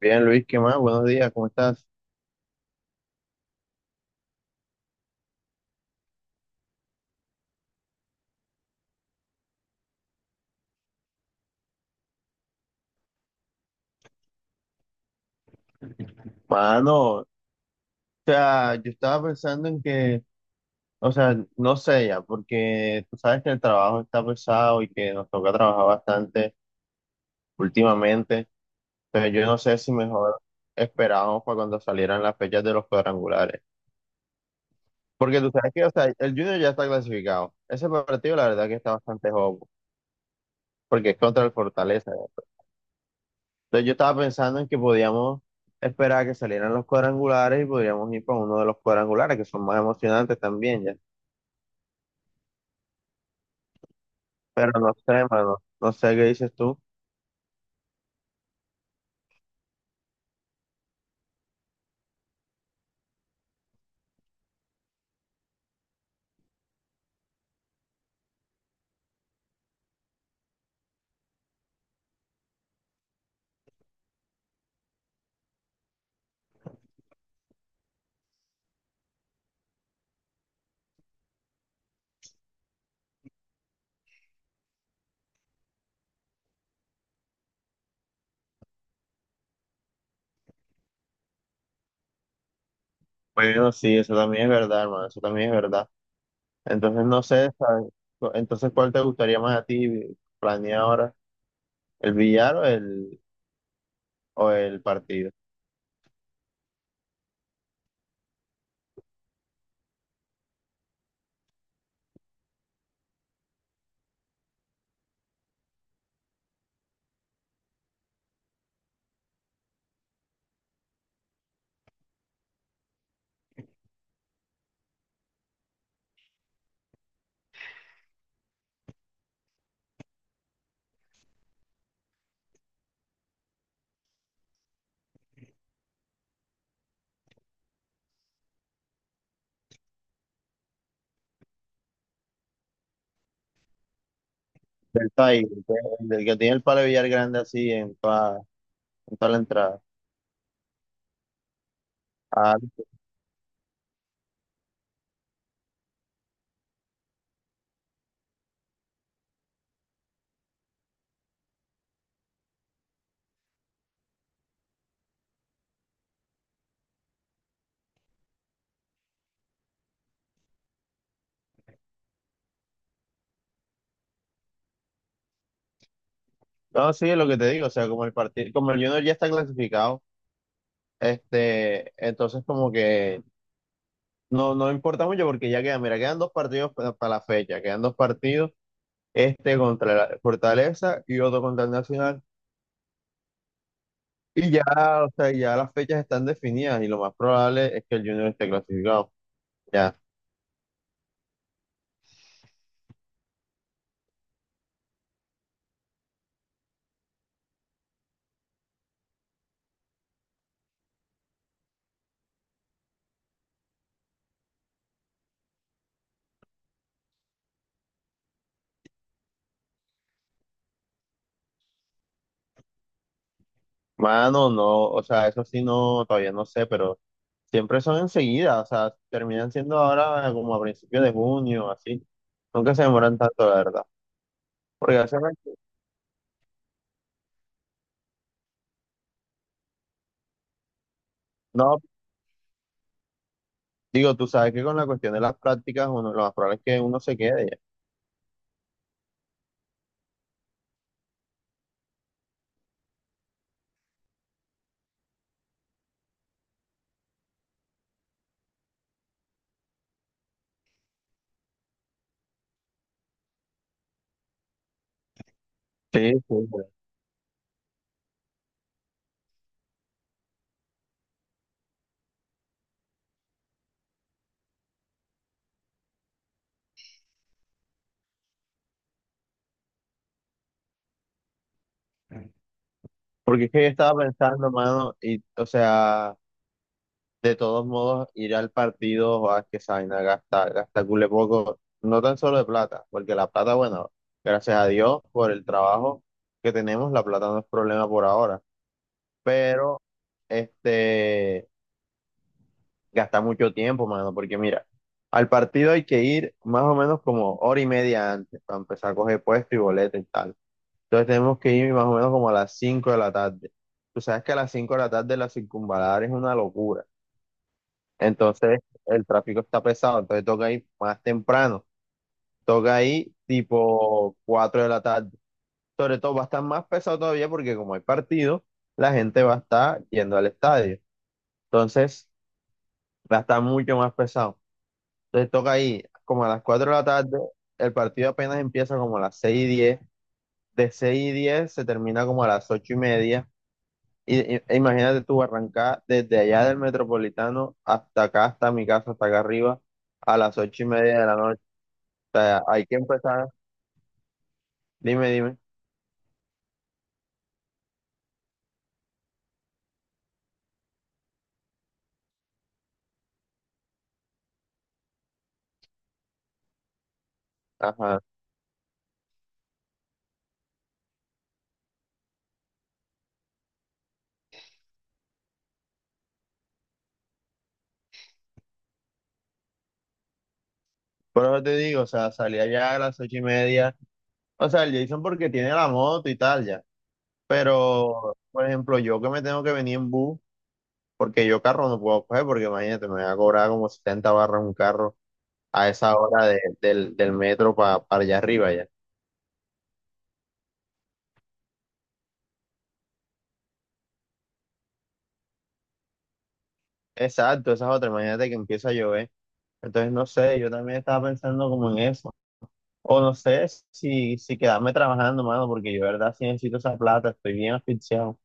Bien, Luis, ¿qué más? Buenos días, ¿cómo estás? Mano, o sea, yo estaba pensando en que, o sea, no sé ya, porque tú sabes que el trabajo está pesado y que nos toca trabajar bastante últimamente, pero yo no sé si mejor esperábamos para cuando salieran las fechas de los cuadrangulares, porque tú sabes que, o sea, el Junior ya está clasificado, ese partido la verdad que está bastante joven, porque es contra el Fortaleza. Entonces yo estaba pensando en que podíamos esperar a que salieran los cuadrangulares y podríamos ir para uno de los cuadrangulares, que son más emocionantes también, ya. Pero no sé, hermano, no sé qué dices tú. Bueno, sí, eso también es verdad, hermano, eso también es verdad. Entonces no sé, ¿sabes? Entonces, ¿cuál te gustaría más a ti planear ahora? ¿El billar o o el partido? Del país, el del que tiene el palo de billar grande así en toda, la entrada. Ah, no, sí, lo que te digo, o sea, como el partido, como el Junior ya está clasificado. Este, entonces como que no importa mucho porque ya quedan, mira, quedan dos partidos para, la fecha, quedan dos partidos, este contra la Fortaleza y otro contra el Nacional. Y ya, o sea, ya las fechas están definidas y lo más probable es que el Junior esté clasificado. Ya, mano, no, o sea, eso sí no, todavía no sé, pero siempre son enseguida, o sea, terminan siendo ahora como a principios de junio, así. Nunca se demoran tanto, la verdad. Porque hace, no, digo, tú sabes que con la cuestión de las prácticas, uno, lo más probable es que uno se quede ya. Sí, sí, sí. Porque es que yo estaba pensando, mano, y, o sea, de todos modos, ir al partido, o a que esa vaina gasta cule poco, no tan solo de plata, porque la plata, bueno, gracias a Dios por el trabajo que tenemos, la plata no es problema por ahora, pero, este, gasta mucho tiempo, mano, porque mira, al partido hay que ir más o menos como hora y media antes, para empezar a coger puesto y boleta y tal. Entonces tenemos que ir más o menos como a las 5 de la tarde. Tú sabes que a las 5 de la tarde la circunvalar es una locura. Entonces el tráfico está pesado, entonces toca ir más temprano. Toca ir tipo 4 de la tarde. Sobre todo va a estar más pesado todavía porque como hay partido, la gente va a estar yendo al estadio. Entonces va a estar mucho más pesado. Entonces toca ir como a las 4 de la tarde. El partido apenas empieza como a las 6:10. De 6:10 se termina como a las 8:30. E imagínate tú arrancar desde allá del Metropolitano hasta acá, hasta mi casa, hasta acá arriba, a las 8:30 de la noche. O sea, hay que empezar. Dime, dime. Ajá. Por eso te digo, o sea, salí allá a las 8:30. O sea, el Jason porque tiene la moto y tal, ya. Pero, por ejemplo, yo que me tengo que venir en bus, porque yo carro no puedo coger, porque imagínate, me va a cobrar como 70 barras un carro a esa hora del metro para allá arriba, ya. Exacto, esa es otra. Imagínate que empieza a llover. Entonces, no sé, yo también estaba pensando como en eso. O no sé si quedarme trabajando, mano, porque yo, de verdad, sí necesito esa plata, estoy bien asfixiado.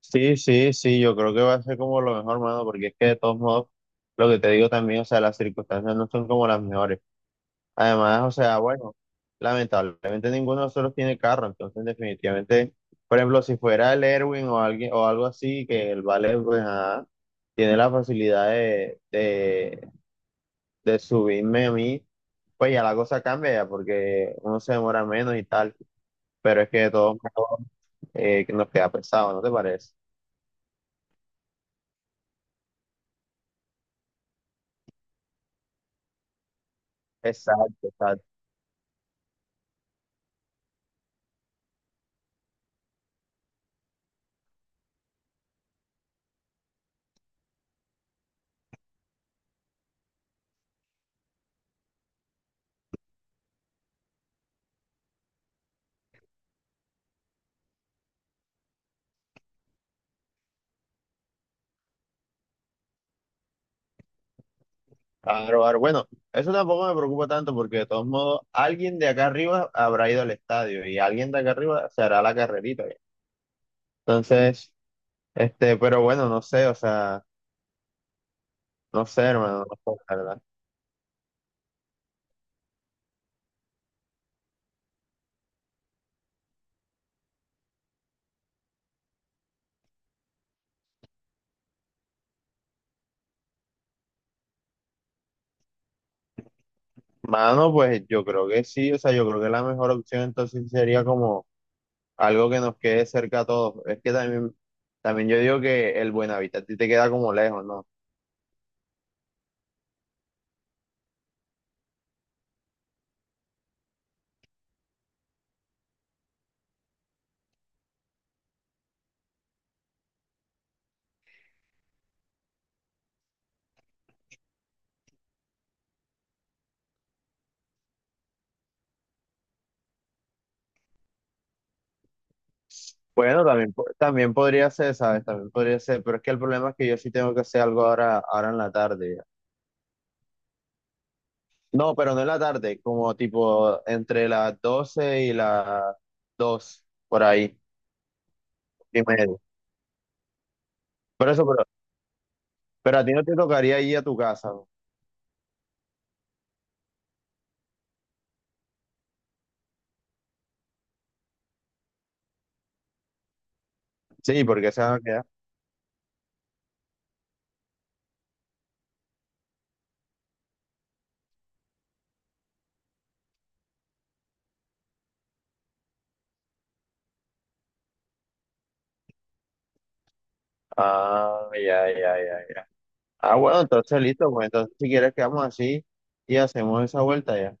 Sí, sí, sí, yo creo que va a ser como lo mejor, mano, porque es que de todos modos, lo que te digo también, o sea, las circunstancias no son como las mejores. Además, o sea, bueno, lamentablemente ninguno de nosotros tiene carro, entonces definitivamente, por ejemplo, si fuera el Erwin o alguien o algo así, que el Vale, pues, ajá, tiene la facilidad de, de subirme a mí, pues ya la cosa cambia ya porque uno se demora menos y tal, pero es que de todos modos que nos queda pesado, ¿no te parece? Exacto, exacto. Claro, claro. Bueno, eso tampoco me preocupa tanto porque de todos modos alguien de acá arriba habrá ido al estadio y alguien de acá arriba se hará la carrerita. Ya. Entonces, este, pero bueno, no sé, o sea, no sé, hermano, no sé, la verdad. Mano, pues yo creo que sí, o sea, yo creo que la mejor opción entonces sería como algo que nos quede cerca a todos. Es que también, también yo digo que el Buenavista a ti te queda como lejos, ¿no? Bueno, también, también podría ser, ¿sabes? También podría ser, pero es que el problema es que yo sí tengo que hacer algo ahora, ahora en la tarde. Ya. No, pero no en la tarde, como tipo entre las 12 y las 2 por ahí, y medio. Por eso, pero, a ti no te tocaría ir a tu casa, ¿no? Sí, porque se van a quedar. Ah, ya, ya, ya, ya. Ah, bueno, entonces listo, pues entonces si quieres quedamos así y hacemos esa vuelta ya.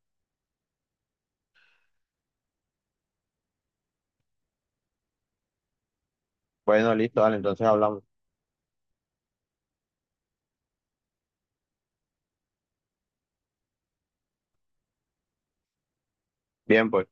Bueno, listo, dale, entonces hablamos. Bien, pues.